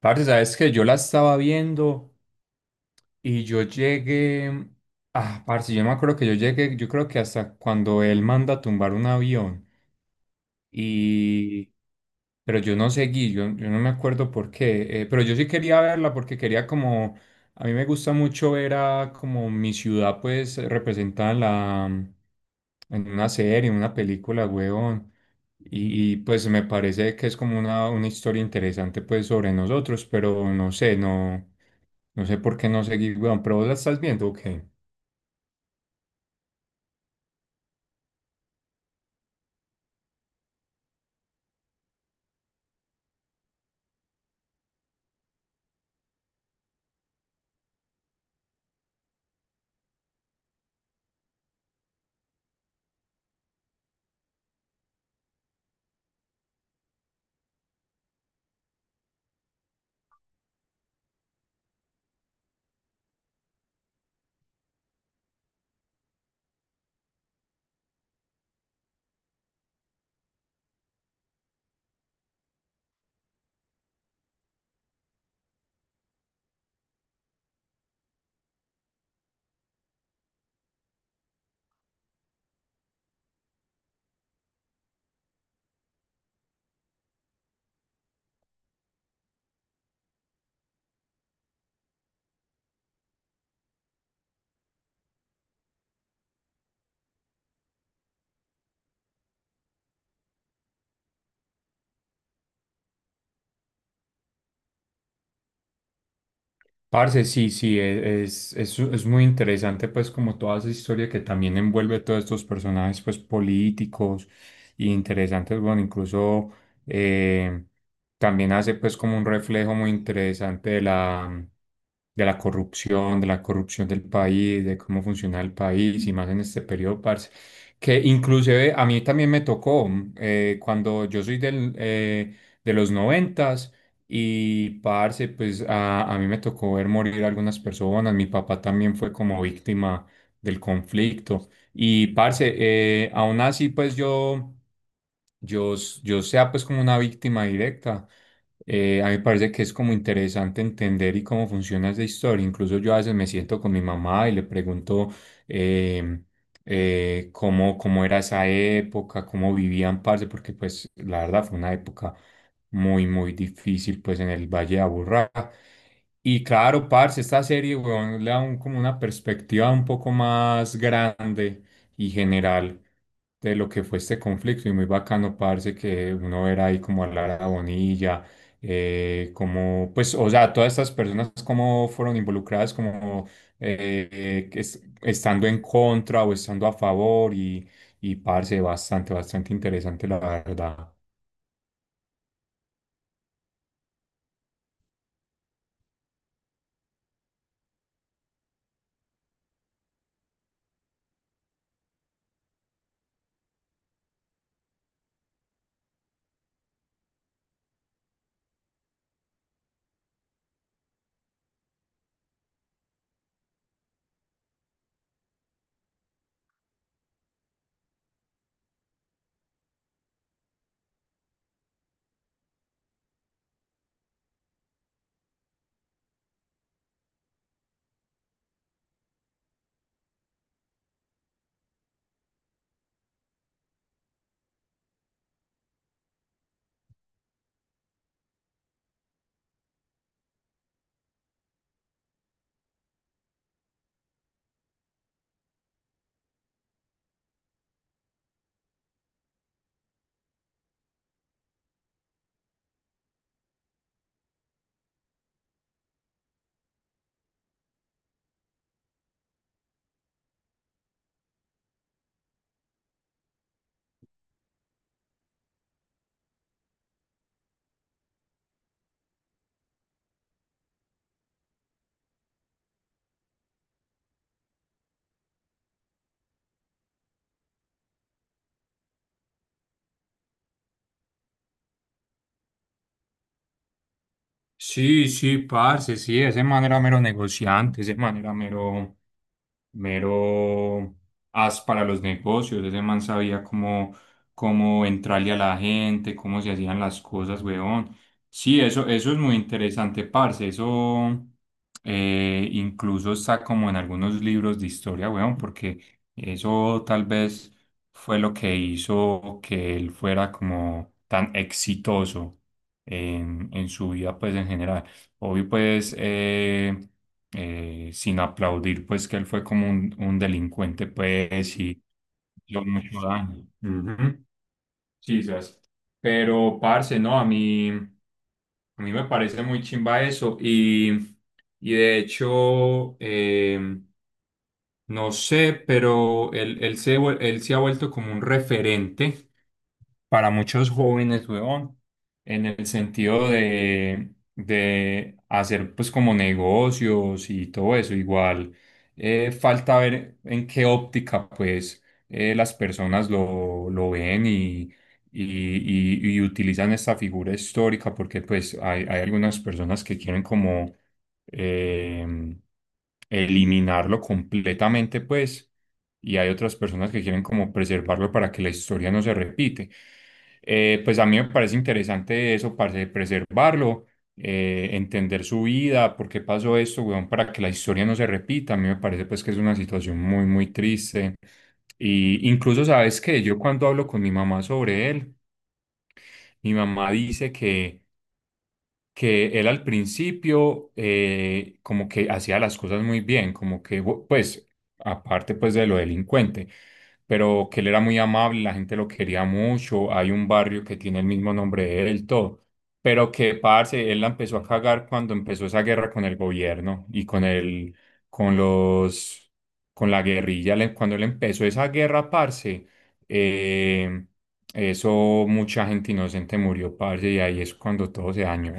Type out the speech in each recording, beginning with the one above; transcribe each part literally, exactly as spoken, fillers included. Parce, sabes que yo la estaba viendo y yo llegué. Ah, parce, yo me acuerdo que yo llegué, yo creo que hasta cuando él manda a tumbar un avión. Y. Pero yo no seguí, yo, yo no me acuerdo por qué. Eh, pero yo sí quería verla porque quería como. A mí me gusta mucho ver a como mi ciudad, pues, representada en la. En una serie, en una película, huevón. Y, y, pues me parece que es como una, una historia interesante, pues, sobre nosotros, pero no sé, no. No sé por qué no seguís, weón, pero vos la estás viendo, ok. Parce, sí, sí, e- es, es, es muy interesante, pues, como toda esa historia que también envuelve todos estos personajes, pues, políticos y interesantes, bueno, incluso eh, también hace, pues, como un reflejo muy interesante de la, de la corrupción, de la corrupción del país, de cómo funciona el país y más en este periodo, parce. Que inclusive a mí también me tocó, mm, eh, cuando yo soy del, eh, de los noventas. Y parce, pues a, a mí me tocó ver morir algunas personas. Mi papá también fue como víctima del conflicto. Y parce, eh, aún así, pues yo, yo, s- yo sea pues como una víctima directa. Eh, a mí me parece que es como interesante entender y cómo funciona esa historia. Incluso yo a veces me siento con mi mamá y le pregunto em, eh, cómo, cómo era esa época, cómo vivían, parce, porque pues la verdad fue una época muy, muy difícil, pues en el Valle de Aburrá. Y claro, parce, esta serie, weón, le da un- como una perspectiva un poco más grande y general de lo que fue este conflicto. Y muy bacano, parce, que uno ver ahí como a Lara Bonilla, eh, como, pues, o sea, todas estas personas como fueron involucradas, como eh, eh, que es- estando en contra o estando a favor. Y, y parce, bastante, bastante interesante, la verdad. Sí, sí, parce, sí, ese man era mero negociante, ese man era mero mero as para los negocios. Ese man sabía cómo, cómo entrarle a la gente, cómo se hacían las cosas, weón. Sí, eso, eso es muy interesante, parce. Eso, eh, incluso está como en algunos libros de historia, weón, porque eso tal vez fue lo que hizo que él fuera como tan exitoso en, en su vida, pues en general. Obvio, pues. Eh, eh, sin aplaudir pues que él fue como un, un delincuente pues y hizo mucho daño. Ujú. Sí, sas. Pero parce, no, a mí, a mí me parece muy chimba eso y, y de hecho, eh, no sé, pero él, él se, vuel- él se ha vuelto como un referente para muchos jóvenes, weón, en el sentido de, de hacer pues como negocios y todo eso. Igual eh, falta ver en qué óptica pues eh, las personas lo, lo ven y, y, y- y utilizan esta figura histórica porque pues hay, hay algunas personas que quieren como em, eliminarlo completamente pues y hay otras personas que quieren como preservarlo para que la historia no se repite. Eh, pues a mí me parece interesante eso, parce, de preservarlo, eh, entender su vida, por qué pasó esto, weón, para que la historia no se repita. A mí me parece pues que es una situación muy, muy triste. Y incluso, ¿sabes que yo cuando hablo con mi mamá sobre él, mi mamá dice que que él al principio, eh, como que hacía las cosas muy bien, como que, bu- pues, aparte pues de lo delincuente, pero que él era muy amable, la gente lo quería mucho, hay un barrio que tiene el mismo nombre de él, todo, pero que, parce, él la empezó a cagar cuando empezó esa guerra con el gobierno y con el, con los, con la guerrilla, le- cuando él empezó esa guerra, parce, eh, eso, mucha gente inocente murió, parce, y ahí es cuando todo se dañó?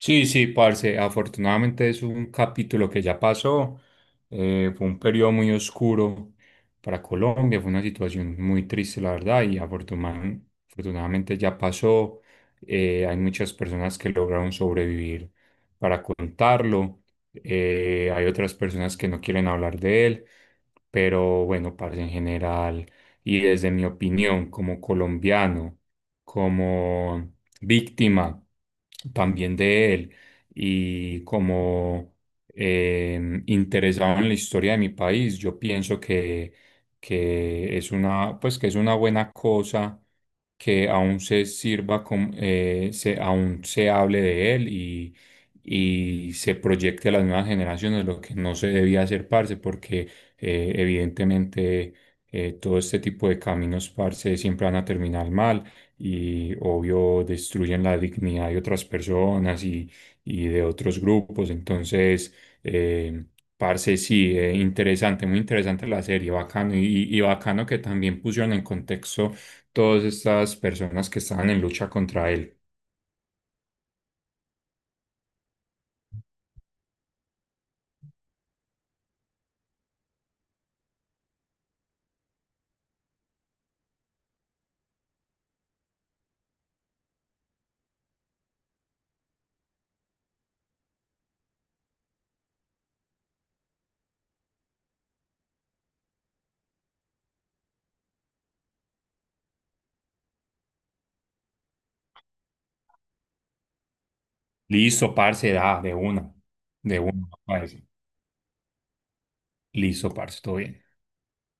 Sí, sí, parce, afortunadamente es un capítulo que ya pasó, eh, fue un periodo muy oscuro para Colombia, fue una situación muy triste, la verdad, y afortuna- afortunadamente ya pasó, eh, hay muchas personas que lograron sobrevivir para contarlo, eh, hay otras personas que no quieren hablar de él, pero bueno, parce, en general, y desde mi opinión como colombiano, como víctima también de él y como, eh, interesado en la historia de mi país, yo pienso que, que es una, pues que es una buena cosa que aún se sirva, con, eh, se, aún se hable de él y, y se proyecte a las nuevas generaciones, lo que no se debía hacer, parce, porque eh, evidentemente, eh, todo este tipo de caminos, parce, siempre van a terminar mal y obvio destruyen la dignidad de otras personas y, y de otros grupos. Entonces, eh, parce, sí, eh, interesante, muy interesante la serie, bacano y, y bacano que también pusieron en contexto todas estas personas que estaban en lucha contra él. Listo, parce, da, de una, de una, parce. Listo, parce, todo bien.